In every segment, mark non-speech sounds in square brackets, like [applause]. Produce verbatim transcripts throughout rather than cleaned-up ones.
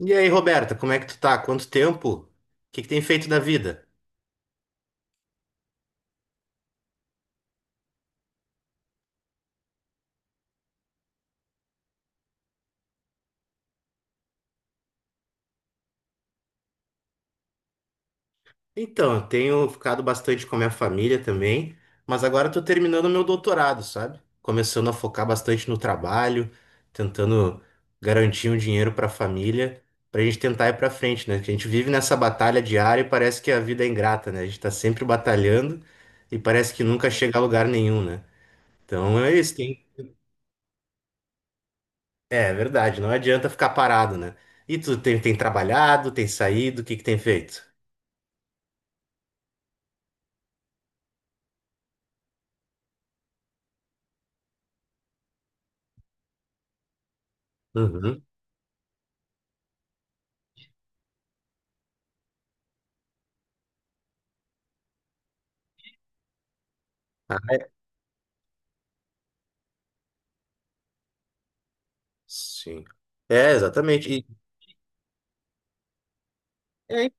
E aí, Roberta, como é que tu tá? Quanto tempo? O que que tem feito da vida? Então, eu tenho ficado bastante com a minha família também, mas agora eu tô terminando o meu doutorado, sabe? Começando a focar bastante no trabalho, tentando garantir um dinheiro pra família, pra gente tentar ir pra frente, né? Que a gente vive nessa batalha diária e parece que a vida é ingrata, né? A gente tá sempre batalhando e parece que nunca chega a lugar nenhum, né? Então é isso, tem. É verdade, não adianta ficar parado, né? E tu tem, tem trabalhado, tem saído, o que que tem feito? Uhum. Ah, sim. É, exatamente. E- é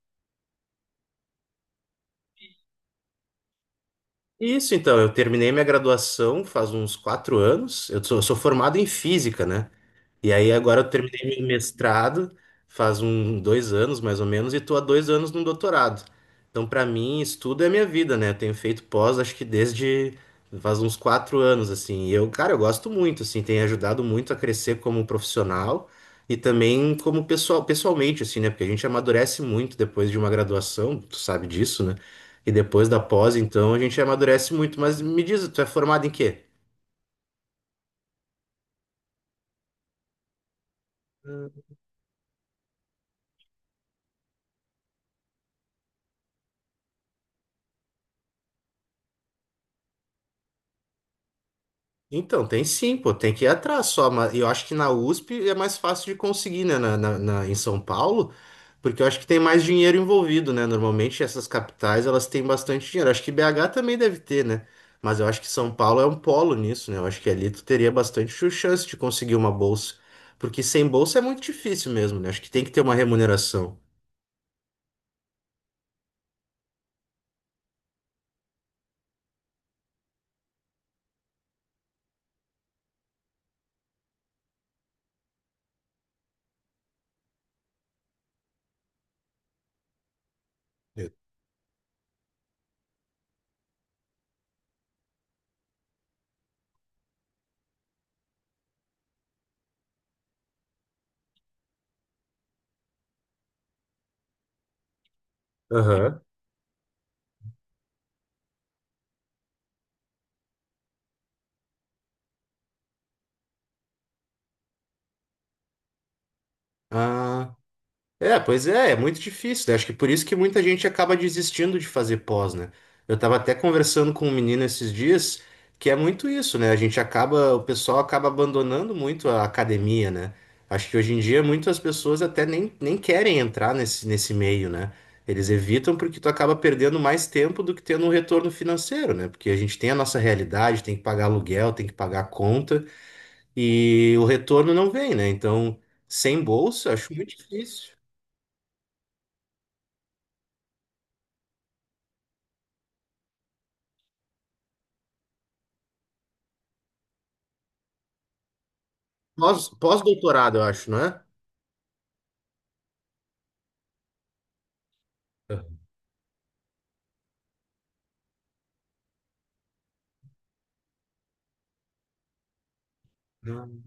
isso, então. Eu terminei minha graduação faz uns quatro anos. Eu sou, eu sou formado em física, né? E aí agora eu terminei meu mestrado, faz um dois anos mais ou menos, e tô há dois anos no doutorado. Então, para mim, estudo é a minha vida, né? Eu tenho feito pós, acho que desde faz uns quatro anos, assim. E eu, cara, eu gosto muito, assim, tem ajudado muito a crescer como profissional e também como pessoal, pessoalmente, assim, né? Porque a gente amadurece muito depois de uma graduação, tu sabe disso, né? E depois da pós, então, a gente amadurece muito. Mas me diz, tu é formado em quê? Então, tem sim, pô, tem que ir atrás só, mas eu acho que na U S P é mais fácil de conseguir, né, na, na- na- em São Paulo, porque eu acho que tem mais dinheiro envolvido, né, normalmente essas capitais, elas têm bastante dinheiro, acho que B H também deve ter, né, mas eu acho que São Paulo é um polo nisso, né, eu acho que ali tu teria bastante chu- chance de conseguir uma bolsa, porque sem bolsa é muito difícil mesmo, né, acho que tem que ter uma remuneração. Eu- Aham. É, pois é, é muito difícil, né? Acho que por isso que muita gente acaba desistindo de fazer pós, né? Eu tava até conversando com um menino esses dias que é muito isso, né? A gente acaba, o pessoal acaba abandonando muito a academia, né? Acho que hoje em dia muitas pessoas até nem, nem querem entrar nesse, nesse meio, né? Eles evitam porque tu acaba perdendo mais tempo do que tendo um retorno financeiro, né? Porque a gente tem a nossa realidade, tem que pagar aluguel, tem que pagar conta e o retorno não vem, né? Então, sem bolsa, acho muito difícil. Pós, pós-doutorado, eu acho, não é? Não.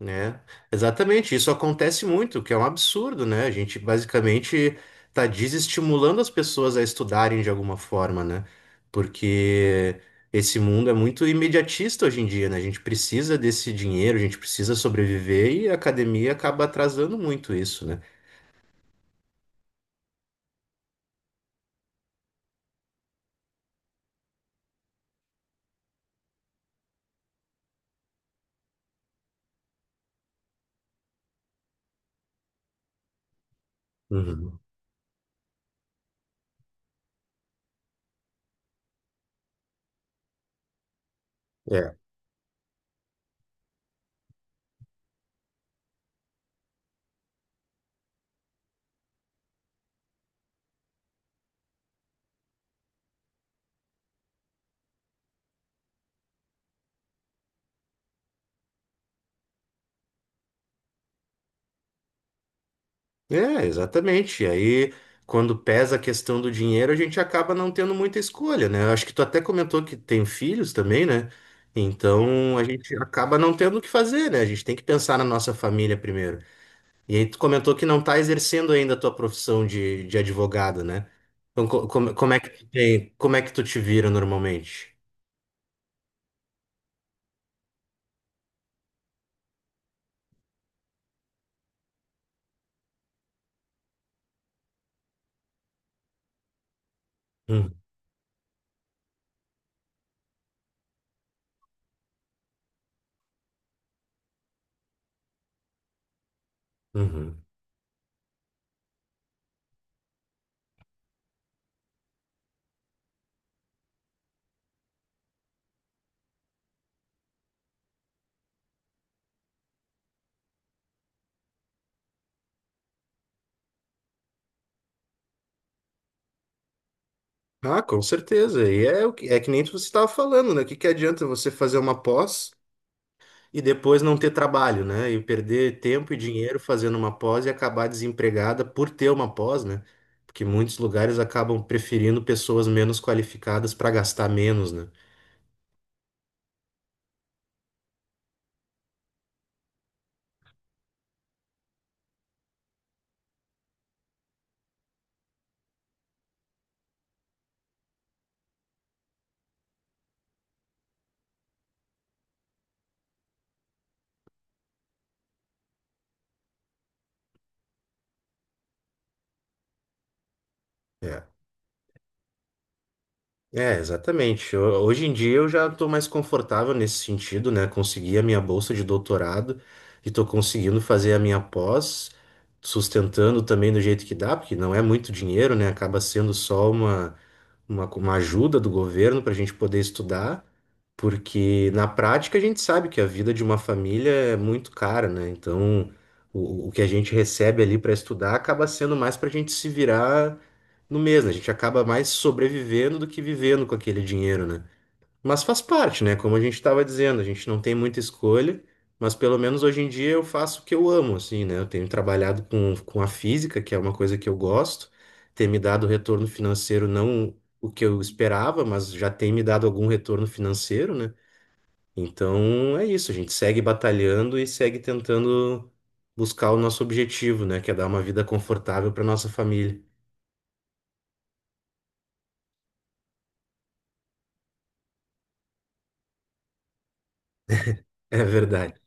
É, exatamente. Isso acontece muito, o que é um absurdo, né? A gente basicamente está desestimulando as pessoas a estudarem de alguma forma, né? Porque esse mundo é muito imediatista hoje em dia, né? A gente precisa desse dinheiro, a gente precisa sobreviver e a academia acaba atrasando muito isso, né? Uhum. É, exatamente. E aí, quando pesa a questão do dinheiro, a gente acaba não tendo muita escolha, né? Eu acho que tu até comentou que tem filhos também, né? Então, a gente acaba não tendo o que fazer, né? A gente tem que pensar na nossa família primeiro. E aí, tu comentou que não tá exercendo ainda a tua profissão de, de advogado, né? Então, co- como, como é que tu tem, como é que tu te vira normalmente? Hum, uhum. Ah, com certeza. E é, o que- é que nem tu- você estava falando, né? O que que adianta você fazer uma pós? E depois não ter trabalho, né? E perder tempo e dinheiro fazendo uma pós e acabar desempregada por ter uma pós, né? Porque muitos lugares acabam preferindo pessoas menos qualificadas para gastar menos, né? É. É, exatamente. Ho- Hoje em dia eu já estou mais confortável nesse sentido, né? Consegui a minha bolsa de doutorado e estou conseguindo fazer a minha pós, sustentando também do jeito que dá, porque não é muito dinheiro, né? Acaba sendo só uma uma, uma ajuda do governo para a gente poder estudar, porque na prática a gente sabe que a vida de uma família é muito cara, né? Então, o, o que a gente recebe ali para estudar acaba sendo mais para a gente se virar no mesmo, né? A gente acaba mais sobrevivendo do que vivendo com aquele dinheiro, né? Mas faz parte, né? Como a gente estava dizendo, a gente não tem muita escolha, mas pelo menos hoje em dia eu faço o que eu amo, assim, né? Eu tenho trabalhado com, com a física, que é uma coisa que eu gosto, tem me dado retorno financeiro, não o que eu esperava, mas já tem me dado algum retorno financeiro, né? Então é isso, a gente segue batalhando e segue tentando buscar o nosso objetivo, né? Que é dar uma vida confortável para nossa família. [laughs] É verdade.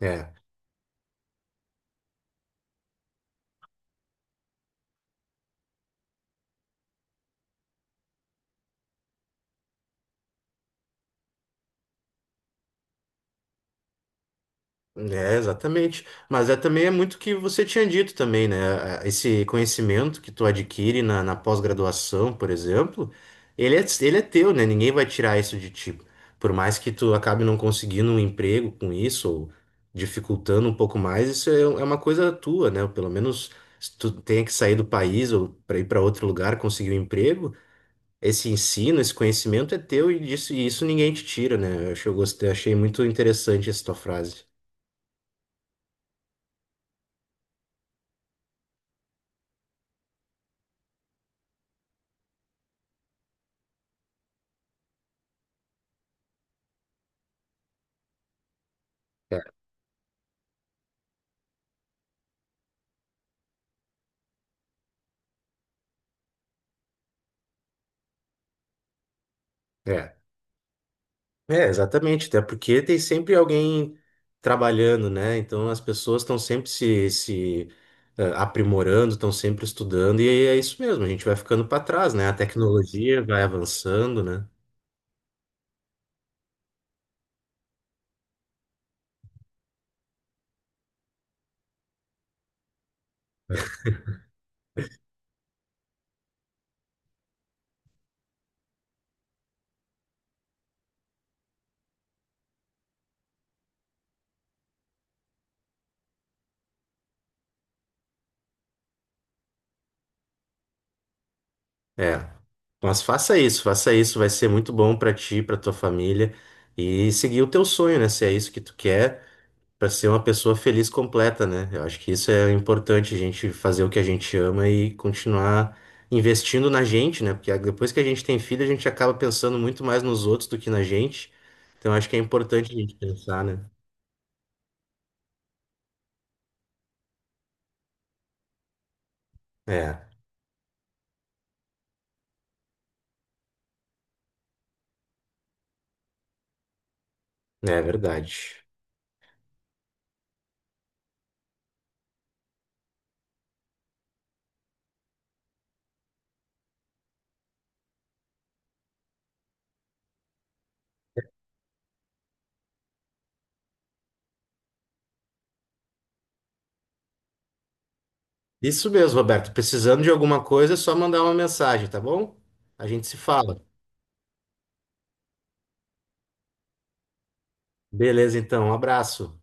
É. É, exatamente. Mas é também é muito o que você tinha dito também, né? É, esse conhecimento que tu adquire na, na pós-graduação, por exemplo, ele é, ele é teu, né? Ninguém vai tirar isso de ti. Por mais que tu acabe não conseguindo um emprego com isso, ou dificultando um pouco mais, isso é, é uma coisa tua, né? Pelo menos se tu tenha que sair do país ou para ir para outro lugar conseguir um emprego, esse ensino, esse conhecimento é teu e disso, e isso ninguém te tira, né? Eu acho- eu gostei, achei muito interessante essa tua frase. É. É. É, exatamente, até porque tem sempre alguém trabalhando, né? Então as pessoas estão sempre se, se eh, aprimorando, estão sempre estudando, e aí é isso mesmo, a gente vai ficando para trás, né? A tecnologia vai avançando, né? É. Mas faça isso, faça isso, vai ser muito bom para ti, para tua família, e seguir o teu sonho, né? Se é isso que tu quer. Para ser uma pessoa feliz completa, né? Eu acho que isso é importante, a gente fazer o que a gente ama e continuar investindo na gente, né? Porque depois que a gente tem filho, a gente acaba pensando muito mais nos outros do que na gente. Então acho que é importante a gente pensar, né? É, é verdade. Isso mesmo, Roberto. Precisando de alguma coisa, é só mandar uma mensagem, tá bom? A gente se fala. Beleza, então. Um abraço.